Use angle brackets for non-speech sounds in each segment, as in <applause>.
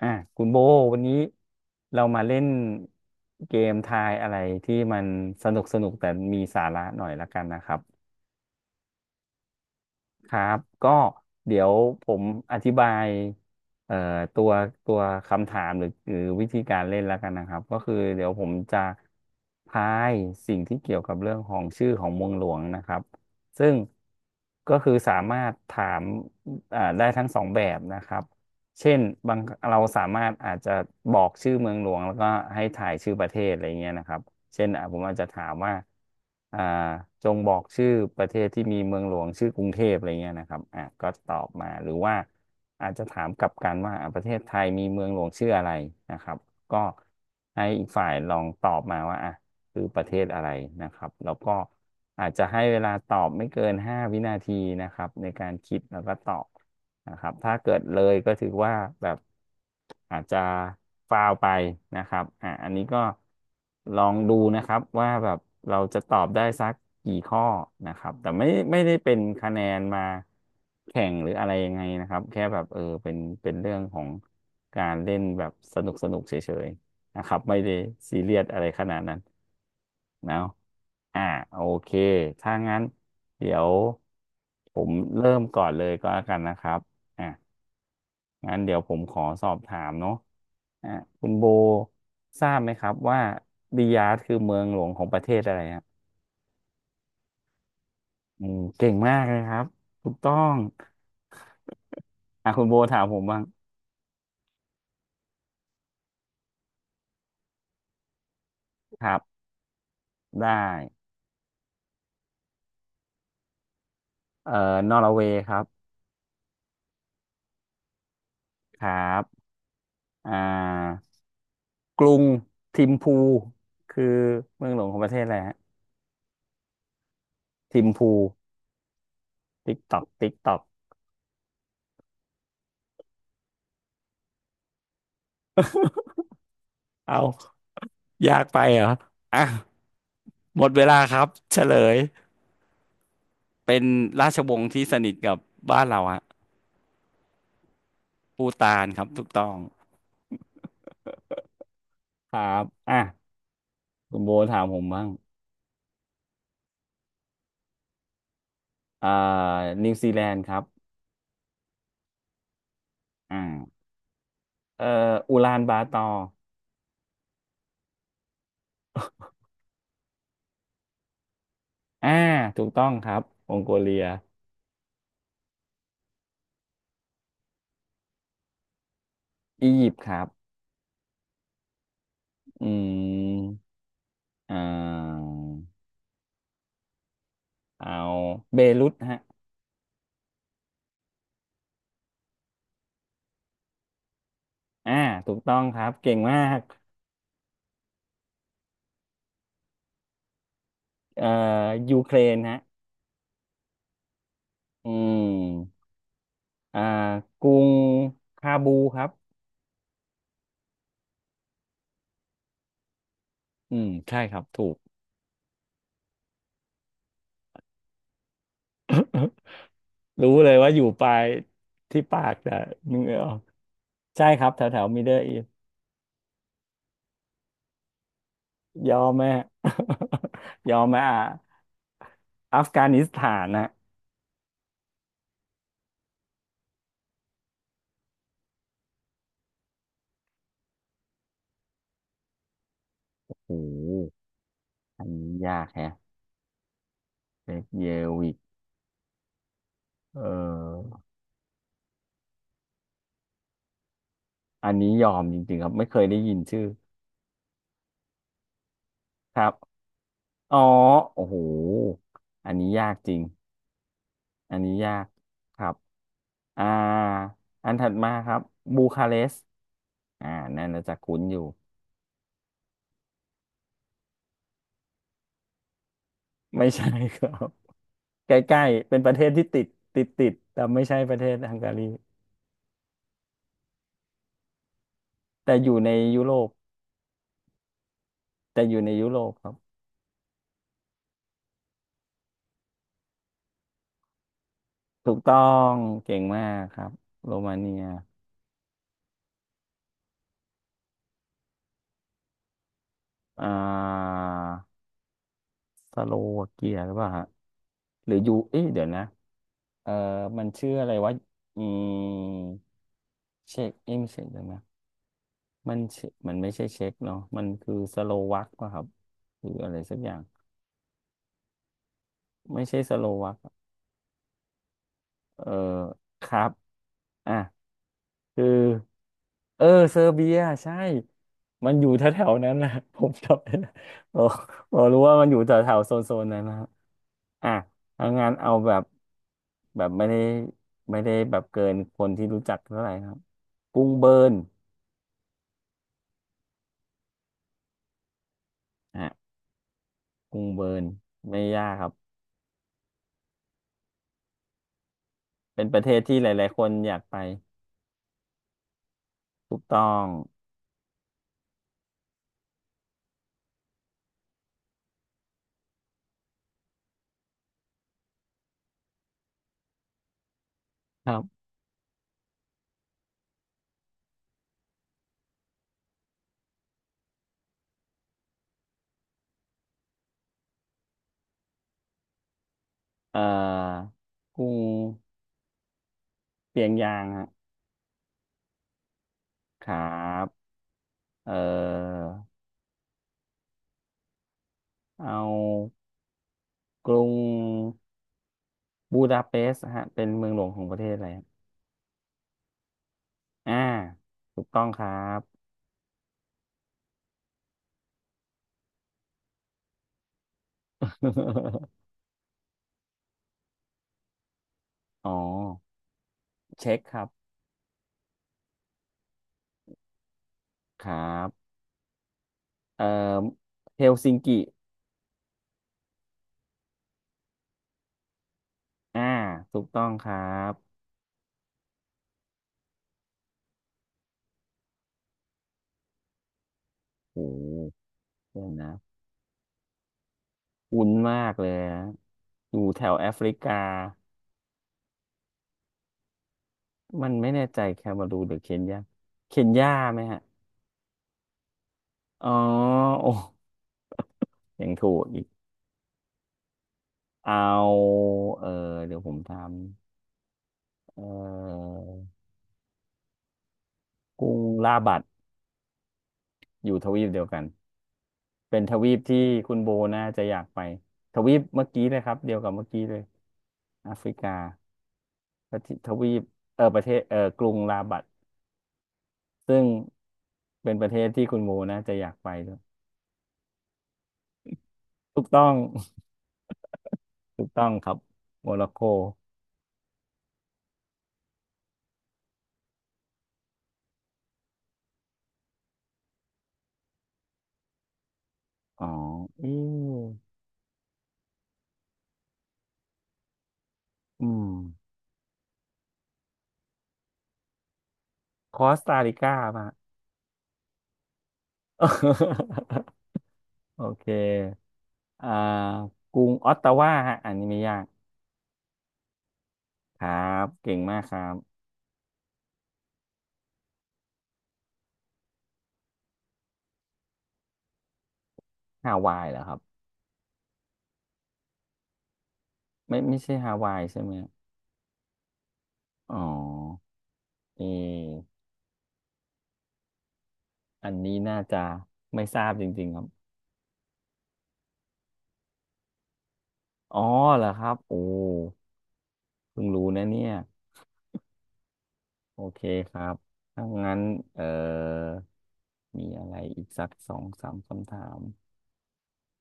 อ่ะคุณโบวันนี้เรามาเล่นเกมทายอะไรที่มันสนุกสนุกแต่มีสาระหน่อยละกันนะครับ ครับก็เดี๋ยวผมอธิบายเอ่อตัวตัวคำถามหรือวิธีการเล่นแล้วกันนะครับก็คือเดี๋ยวผมจะพายสิ่งที่เกี่ยวกับเรื่องของชื่อของเมืองหลวงนะครับซึ่งก็คือสามารถถามได้ทั้งสองแบบนะครับเช่นบางเราสามารถอาจจะบอกชื่อเมืองหลวงแล้วก็ให้ถ่ายชื่อประเทศอะไรเงี้ยนะครับ เช่นอ่ะผมอาจจะถามว่าอ่าจงบอกชื่อประเทศที่มีเมืองหลวงชื่อกรุงเทพอะไรเงี้ยนะครับอ่ะก็ตอบมาหรือว่าอาจจะถามกลับกันว่าอ่ะประเทศไทยมีเมืองหลวงชื่ออะไรนะครับก็ให้อีกฝ่ายลองตอบมาว่าอ่ะคือประเทศอะไรนะครับแล้วก็อาจจะให้เวลาตอบไม่เกิน5 วินาทีนะครับในการคิดแล้วก็ตอบ นะครับถ้าเกิดเลยก็ถือว่าแบบอาจจะฟาวไปนะครับอ่าอันนี้ก็ลองดูนะครับว่าแบบเราจะตอบได้สักกี่ข้อนะครับแต่ไม่ได้เป็นคะแนนมาแข่งหรืออะไรยังไงนะครับแค่แบบเออเป็นเรื่องของการเล่นแบบสนุกสนุกเฉยๆนะครับไม่ได้ซีเรียสอะไรขนาดนั้นเนาะอ่าโอเคถ้างั้นเดี๋ยวผมเริ่มก่อนเลยก็แล้วกันนะครับ อ่ะงั้นเดี๋ยวผมขอสอบถามเนาะอ่ะคุณโบทราบไหมครับว่าริยาดคือเมืองหลวงของประเทศอะไรฮะอืมเก่งมากเลยครับถูกต้องอ่ะคุณโบถามผมบ้างครับได้เอ่อนอร์เวย์ครับครับอ่ากรุงทิมพูคือเมืองหลวงของประเทศอะไรฮะทิมพูติ๊กตอกติ๊กตอก <laughs> เอายากไปเหรออ่ะหมดเวลาครับเฉลย เป็นราชวงศ์ที่สนิทกับบ้านเราฮะปูตานครับถูกต้องครับอ่ะคุณโบถามผมบ้างอ่านิวซีแลนด์ครับอ่าเอ่ออูลานบาตอร์อ่าถูกต้องครับมองโกเลียอียิปต์ครับอืมอ่าเอาเบรุตฮะ อ่าถูกต้องครับ เก่งมากเอ่อยูเครนฮะอืมอ่ากรุงคาบูครับ อืม ใช่ครับถูก <laughs> รู้เลยว่าอยู่ปลายที่ปากแต่นึกไม่ออกใช่ครับแถวแถวมิดเดิลอีสยอมไหม <laughs> ยอมไหมอ่ะอัฟกานิสถานนะโอ้โหอันนี้ยากแฮะเบเยวิกเอออันนี้ยอมจริงๆครับไม่เคยได้ยินชื่อครับอ๋อโอ้โหอันนี้ยากจริงอันนี้ยากครับอ่าอันถัดมาครับบูคาเรสต์อ่านั่นน่าจะคุ้นอยู่ไม่ใช่ครับ ใกล้ๆเป็นประเทศที่ติดแต่ไม่ใช่ประเทศฮังการีแต่อยู่ในยุโรปแต่อยู่ในยุโรปครับถูกต้องเก่งมากครับโรมาเนียอ่าสโลวาเกียหรือเปล่าฮะหรือยูเอ๊ะเดี๋ยวนะเออมันชื่ออะไรวะอืมเช็กเอ๊ะไม่ใช่เดี๋ยวนะมันเชมันไม่ใช่เช็กเนาะมันคือสโลวักป่ะครับหรืออะไรสักอย่างไม่ใช่สโลวักเออครับอ่ะ คือเออเซอร์เบีย ใช่ มันอยู่แถวๆนั้นนะ <laughs> ผมจำได้นะผมผมรู้ว่ามันอยู่แถวๆโซนๆนั้นนะฮะอ่ะถอางานเอาแบบ แบบไม่ได้แบบเกินคนที่รู้จักเท่าไหร่ครับ กรุงเบิร์นฮะกรุงเบิร์นไม่ยากครับ เป็นประเทศที่หลายๆคนอยากไปถูกต้อง ครับเอ่อกรุงเปียงยางฮะครับเอ่อเอากรุง บูดาเปสต์ฮะเป็นเมืองหลวงของประเทศอะไรครับอ่าถูกต้องครับ <laughs> อ๋อ เช็คครับ ครับ เอ่อเฮลซิงกิอ่าถูกต้องครับโอ้หเดี๋ยวนะคุ้นมากเลยนะอยู่แถวแอฟริกา มันไม่แน่ใจแคเมารูนหรือเคนยาเคนยาไหมฮะอ๋อโอ้ยังถูกอีก เอา เออ เดี๋ยวผมทำเออกรุงลาบัด อยู่ทวีปเดียวกัน เป็นทวีปที่คุณโบน่าจะอยากไปทวีปเมื่อกี้เลยครับเดียวกับเมื่อกี้เลยแอฟริกาประเทศทวีปเออประเทศเออกรุงราบัดซึ่งเป็นประเทศที่คุณโบน่าจะอยากไปด้วยถูกต้อง <laughs> ถูกต้องครับโมร็อกโกอ๋ออืมอืมคอสตา <laughs> ริกาป่ะ <laughs> โอเคอ่ากรุงออตตาวาฮะอันนี้ไม่ยากครับเก่งมากครับฮาวายเหรอครับไม่ใช่ฮาวายใช่ไหม อ๋อเอออันนี้น่าจะไม่ทราบจริงๆครับอ๋อเหรอครับโอ้เพิ่งรู้นะเนี่ยโอเคครับถ้างั้นเออมีอะไรอีกสักสองสามคำถาม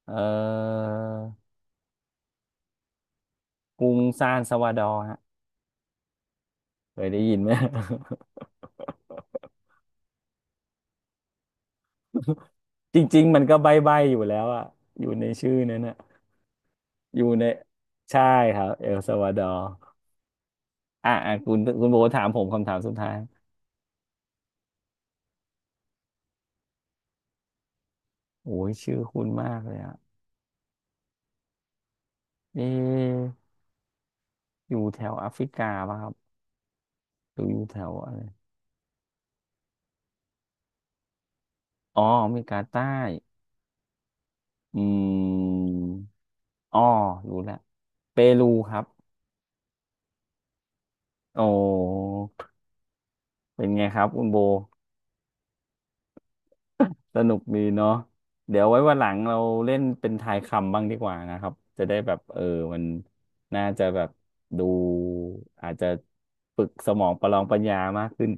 เออกรุงซานซาวาดอร์ฮะเคยได้ยินไหม <laughs> จริงๆมันก็ใบ้ๆอยู่แล้วอะอยู่ในชื่อนั้นอะอยู่ในใช่ครับเอลซัลวาดอร์อ่ะอ่ะคุณโบถามผมคำถามสุดท้ายโอ้ยชื่อคุณมากเลยอะ เอะอยู่แถวแอฟริกาป่ะครับหรืออยู่แถวอะไรอ๋ออเมริกาใต้อืมอ๋อรู้แล้วเปรูครับ โอ้เป็นไงครับคุณโบสนุกดีเนาะเดี๋ยวไว้วันหลังเราเล่นเป็นทายคำบ้างดีกว่านะครับ จะได้แบบเออ มันน่าจะแบบดูอาจจะฝึกสมองประลองปัญญามากขึ้น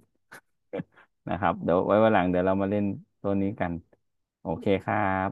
<laughs> นะครับ เดี๋ยวไว้วันหลังเดี๋ยวเรามาเล่นตัวนี้กันโอเคครับ